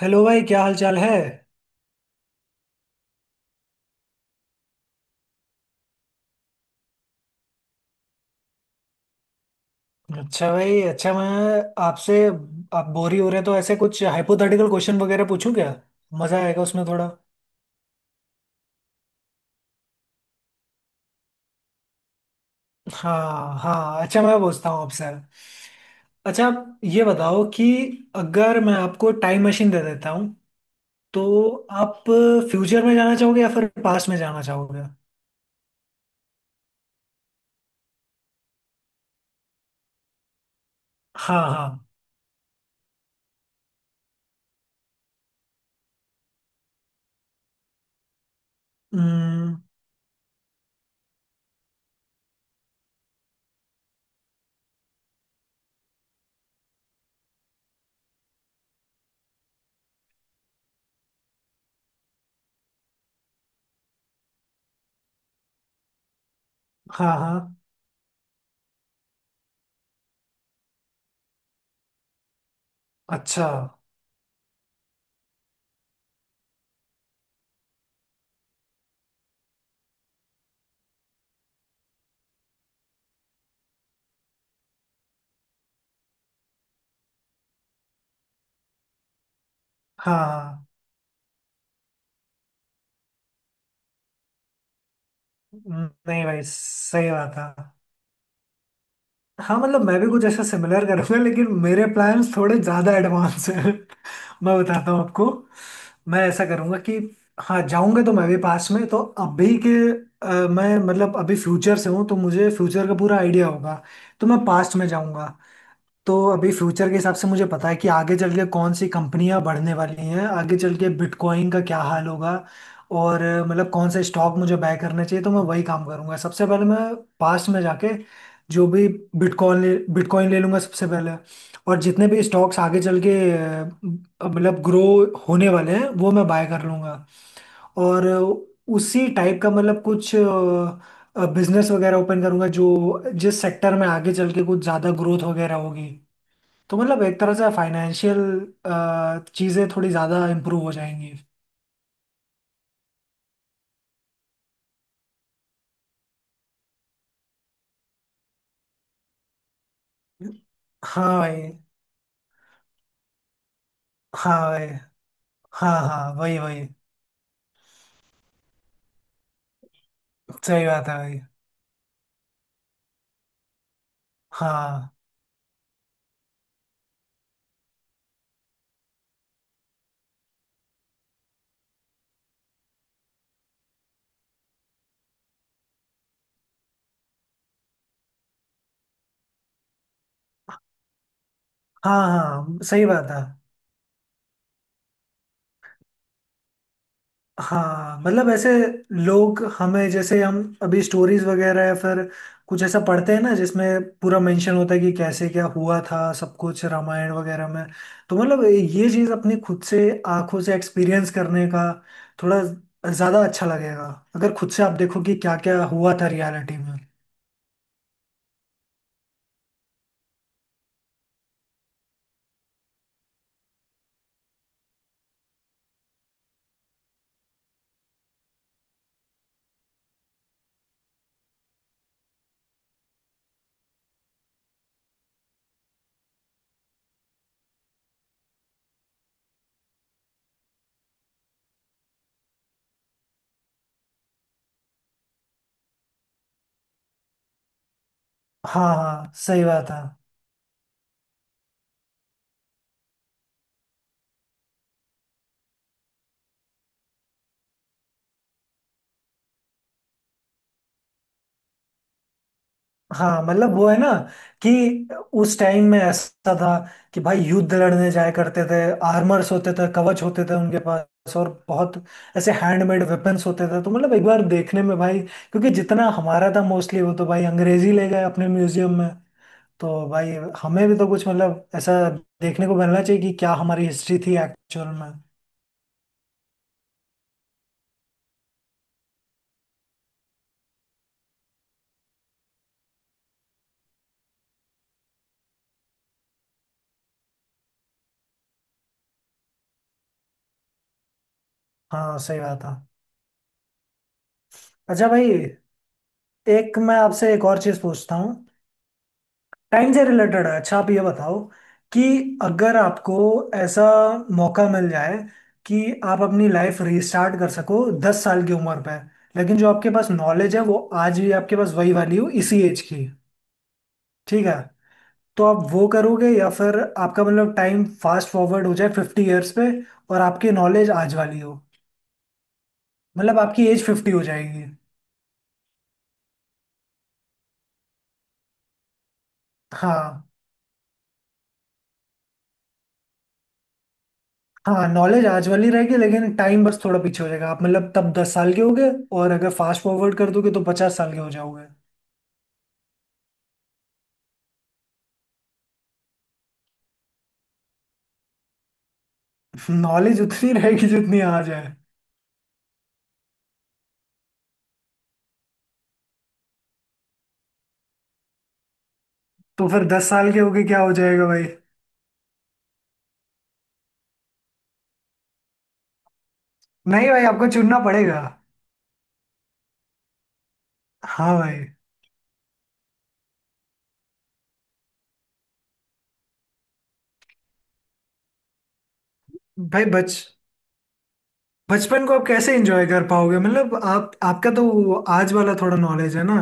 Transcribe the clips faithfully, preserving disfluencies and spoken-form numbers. Hello भाई, क्या हाल चाल है? अच्छा भाई, अच्छा। मैं आपसे आप बोरी हो रहे हैं तो ऐसे कुछ हाइपोथेटिकल क्वेश्चन वगैरह पूछूं क्या? मजा आएगा उसमें थोड़ा। हाँ हाँ, अच्छा। मैं पूछता हूँ आपसे। अच्छा, आप ये बताओ कि अगर मैं आपको टाइम मशीन दे देता हूँ तो आप फ्यूचर में जाना चाहोगे या फिर पास्ट में जाना चाहोगे? हाँ हाँ। हम्म। हाँ हाँ, अच्छा। हाँ हाँ। हम्म, नहीं भाई, सही बात है। हाँ, मतलब मैं भी कुछ ऐसा सिमिलर करूंगा, लेकिन मेरे प्लान्स थोड़े ज़्यादा एडवांस हैं। मैं बताता हूँ आपको। मैं ऐसा करूंगा कि, हाँ, जाऊंगा तो मैं भी पास में। तो अभी के अ, मैं मतलब अभी फ्यूचर से हूँ तो मुझे फ्यूचर का पूरा आइडिया होगा। तो मैं पास्ट में जाऊंगा। तो अभी फ्यूचर के हिसाब से मुझे पता है कि आगे चल के कौन सी कंपनियां बढ़ने वाली हैं, आगे चल के बिटकॉइन का क्या हाल होगा। और अ, मतलब कौन से स्टॉक मुझे बाय करने चाहिए, तो मैं वही काम करूंगा। सबसे पहले मैं पास्ट में जाके जो भी बिटकॉइन ले बिटकॉइन ले लूंगा सबसे पहले। और जितने भी स्टॉक्स आगे चल के अ, मतलब ग्रो होने वाले हैं वो मैं बाय कर लूंगा। और उसी टाइप का मतलब कुछ बिजनेस वगैरह ओपन करूंगा, जो जिस सेक्टर में आगे चल के कुछ ज़्यादा ग्रोथ वगैरह होगी। तो मतलब एक तरह से फाइनेंशियल चीज़ें थोड़ी ज़्यादा इम्प्रूव हो जाएंगी। हाँ भाई। हाँ भाई। हाँ हाँ, वही वही। सही बात है भाई। हाँ। हाँ हाँ, सही बात है। हाँ, मतलब ऐसे लोग हमें जैसे हम अभी स्टोरीज वगैरह या फिर कुछ ऐसा पढ़ते हैं ना, जिसमें पूरा मेंशन होता है कि कैसे क्या हुआ था सब कुछ, रामायण वगैरह में। तो मतलब ये चीज़ अपनी खुद से आंखों से एक्सपीरियंस करने का थोड़ा ज़्यादा अच्छा लगेगा, अगर खुद से आप देखो कि क्या क्या हुआ था रियलिटी में। हाँ हाँ, सही बात है। हाँ, मतलब वो है ना कि उस टाइम में ऐसा था कि भाई युद्ध लड़ने जाया करते थे। आर्मर्स होते थे, कवच होते थे उनके पास, और बहुत ऐसे हैंडमेड वेपन्स होते थे। तो मतलब एक बार देखने में भाई, क्योंकि जितना हमारा था मोस्टली वो तो भाई अंग्रेजी ले गए अपने म्यूजियम में। तो भाई, हमें भी तो कुछ मतलब ऐसा देखने को मिलना चाहिए कि क्या हमारी हिस्ट्री थी एक्चुअल में। हाँ, सही बात है। अच्छा भाई, एक मैं आपसे एक और चीज़ पूछता हूँ। टाइम से रिलेटेड है। अच्छा, आप ये बताओ कि अगर आपको ऐसा मौका मिल जाए कि आप अपनी लाइफ रीस्टार्ट कर सको दस साल की उम्र पे, लेकिन जो आपके पास नॉलेज है वो आज भी आपके पास वही वाली हो, इसी एज की। ठीक है? तो आप वो करोगे, या फिर आपका मतलब टाइम फास्ट फॉरवर्ड हो जाए फिफ्टी इयर्स पे और आपकी नॉलेज आज वाली हो? मतलब आपकी एज फिफ्टी हो जाएगी। हाँ। हाँ, नॉलेज आज वाली रहेगी, लेकिन टाइम बस थोड़ा पीछे हो जाएगा। आप मतलब तब दस साल के हो गए। और अगर फास्ट फॉरवर्ड कर दोगे तो पचास साल के हो जाओगे। नॉलेज उतनी रहेगी जितनी आज है। तो फिर दस साल के हो गए क्या हो जाएगा भाई? नहीं भाई, आपको चुनना पड़ेगा। हाँ भाई। भाई, बच बचपन को आप कैसे एंजॉय कर पाओगे? मतलब आप आपका तो वो आज वाला थोड़ा नॉलेज है ना।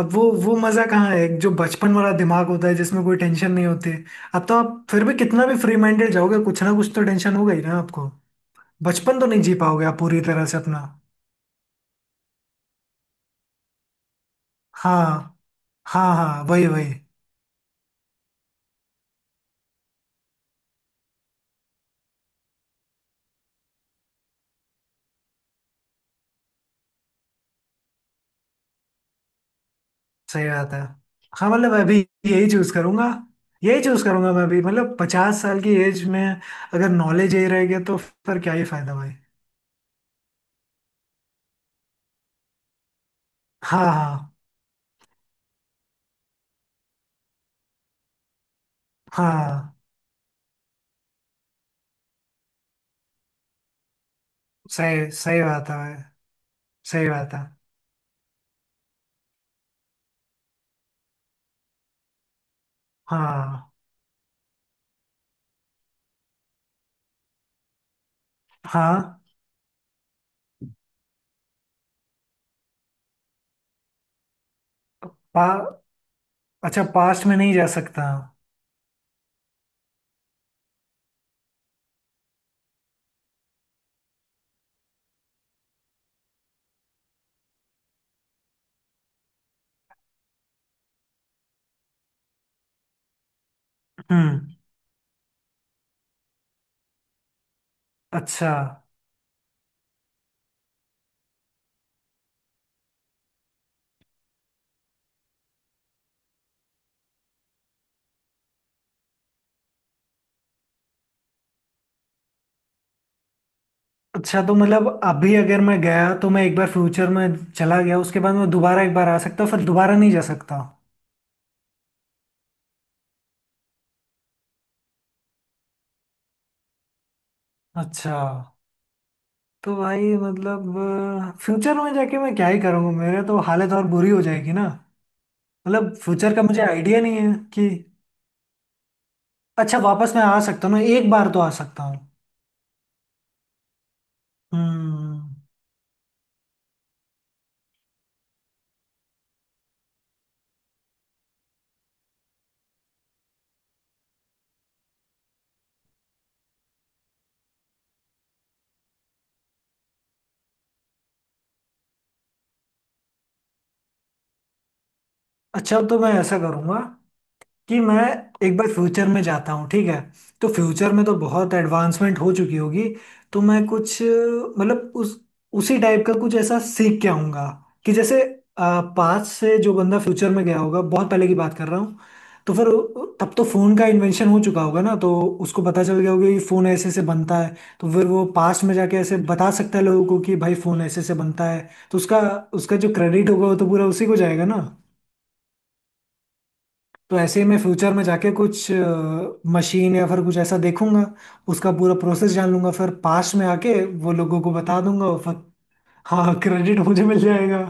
अब वो वो मजा कहाँ है जो बचपन वाला दिमाग होता है, जिसमें कोई टेंशन नहीं होती। अब तो आप फिर भी कितना भी फ्री माइंडेड जाओगे, कुछ ना कुछ तो टेंशन होगा ही ना आपको। बचपन तो नहीं जी पाओगे आप पूरी तरह से अपना। हाँ हाँ हाँ, वही वही। सही बात है। हाँ, मतलब मैं भी यही चूज करूंगा। यही चूज करूंगा मैं भी। मतलब पचास साल की एज में अगर नॉलेज यही रह गया तो फिर क्या ही फायदा भाई। हाँ हाँ हाँ, सही सही बात है भाई। सही बात है। हाँ हाँ। पा, अच्छा, पास्ट में नहीं जा सकता? हम्म। अच्छा, अच्छा, तो मतलब अभी अगर मैं गया तो मैं एक बार फ्यूचर में चला गया, उसके बाद मैं दोबारा एक बार आ सकता हूँ, फिर दोबारा नहीं जा सकता। अच्छा, तो भाई मतलब फ्यूचर में जाके मैं क्या ही करूँगा, मेरे तो हालत और बुरी हो जाएगी ना। मतलब फ्यूचर का मुझे आइडिया नहीं है कि। अच्छा, वापस मैं आ सकता हूँ ना? एक बार तो आ सकता हूँ। हम्म। अच्छा, तो मैं ऐसा करूँगा कि मैं एक बार फ्यूचर में जाता हूँ, ठीक है? तो फ्यूचर में तो बहुत एडवांसमेंट हो चुकी होगी। तो मैं कुछ अ, मतलब उस उसी टाइप का कुछ ऐसा सीख के आऊंगा, कि जैसे पास्ट से जो बंदा फ्यूचर में गया होगा, बहुत पहले की बात कर रहा हूँ, तो फिर उ- तब तो फोन का इन्वेंशन हो चुका होगा ना, तो उसको पता चल गया होगा कि फोन ऐसे ऐसे बनता है। तो फिर वो पास्ट में जाके ऐसे बता सकता है लोगों को कि भाई फोन ऐसे ऐसे बनता है, तो उसका उसका जो क्रेडिट होगा वो तो पूरा उसी को जाएगा ना। तो ऐसे ही मैं फ्यूचर में जाके कुछ मशीन या फिर कुछ ऐसा देखूंगा, उसका पूरा प्रोसेस जान लूंगा, फिर पास में आके वो लोगों को बता दूंगा, और फिर हाँ, क्रेडिट मुझे मिल जाएगा।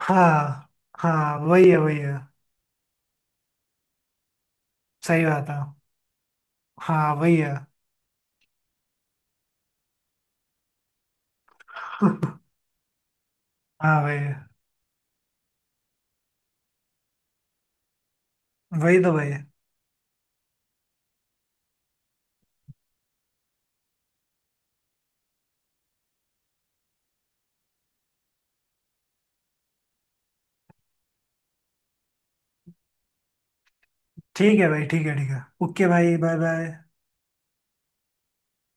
हाँ हाँ, वही है वही है। सही बात है। हाँ, वही है। हाँ, वही है। वही तो वही है। ठीक है भाई, ठीक है ठीक है, ओके भाई, बाय बाय।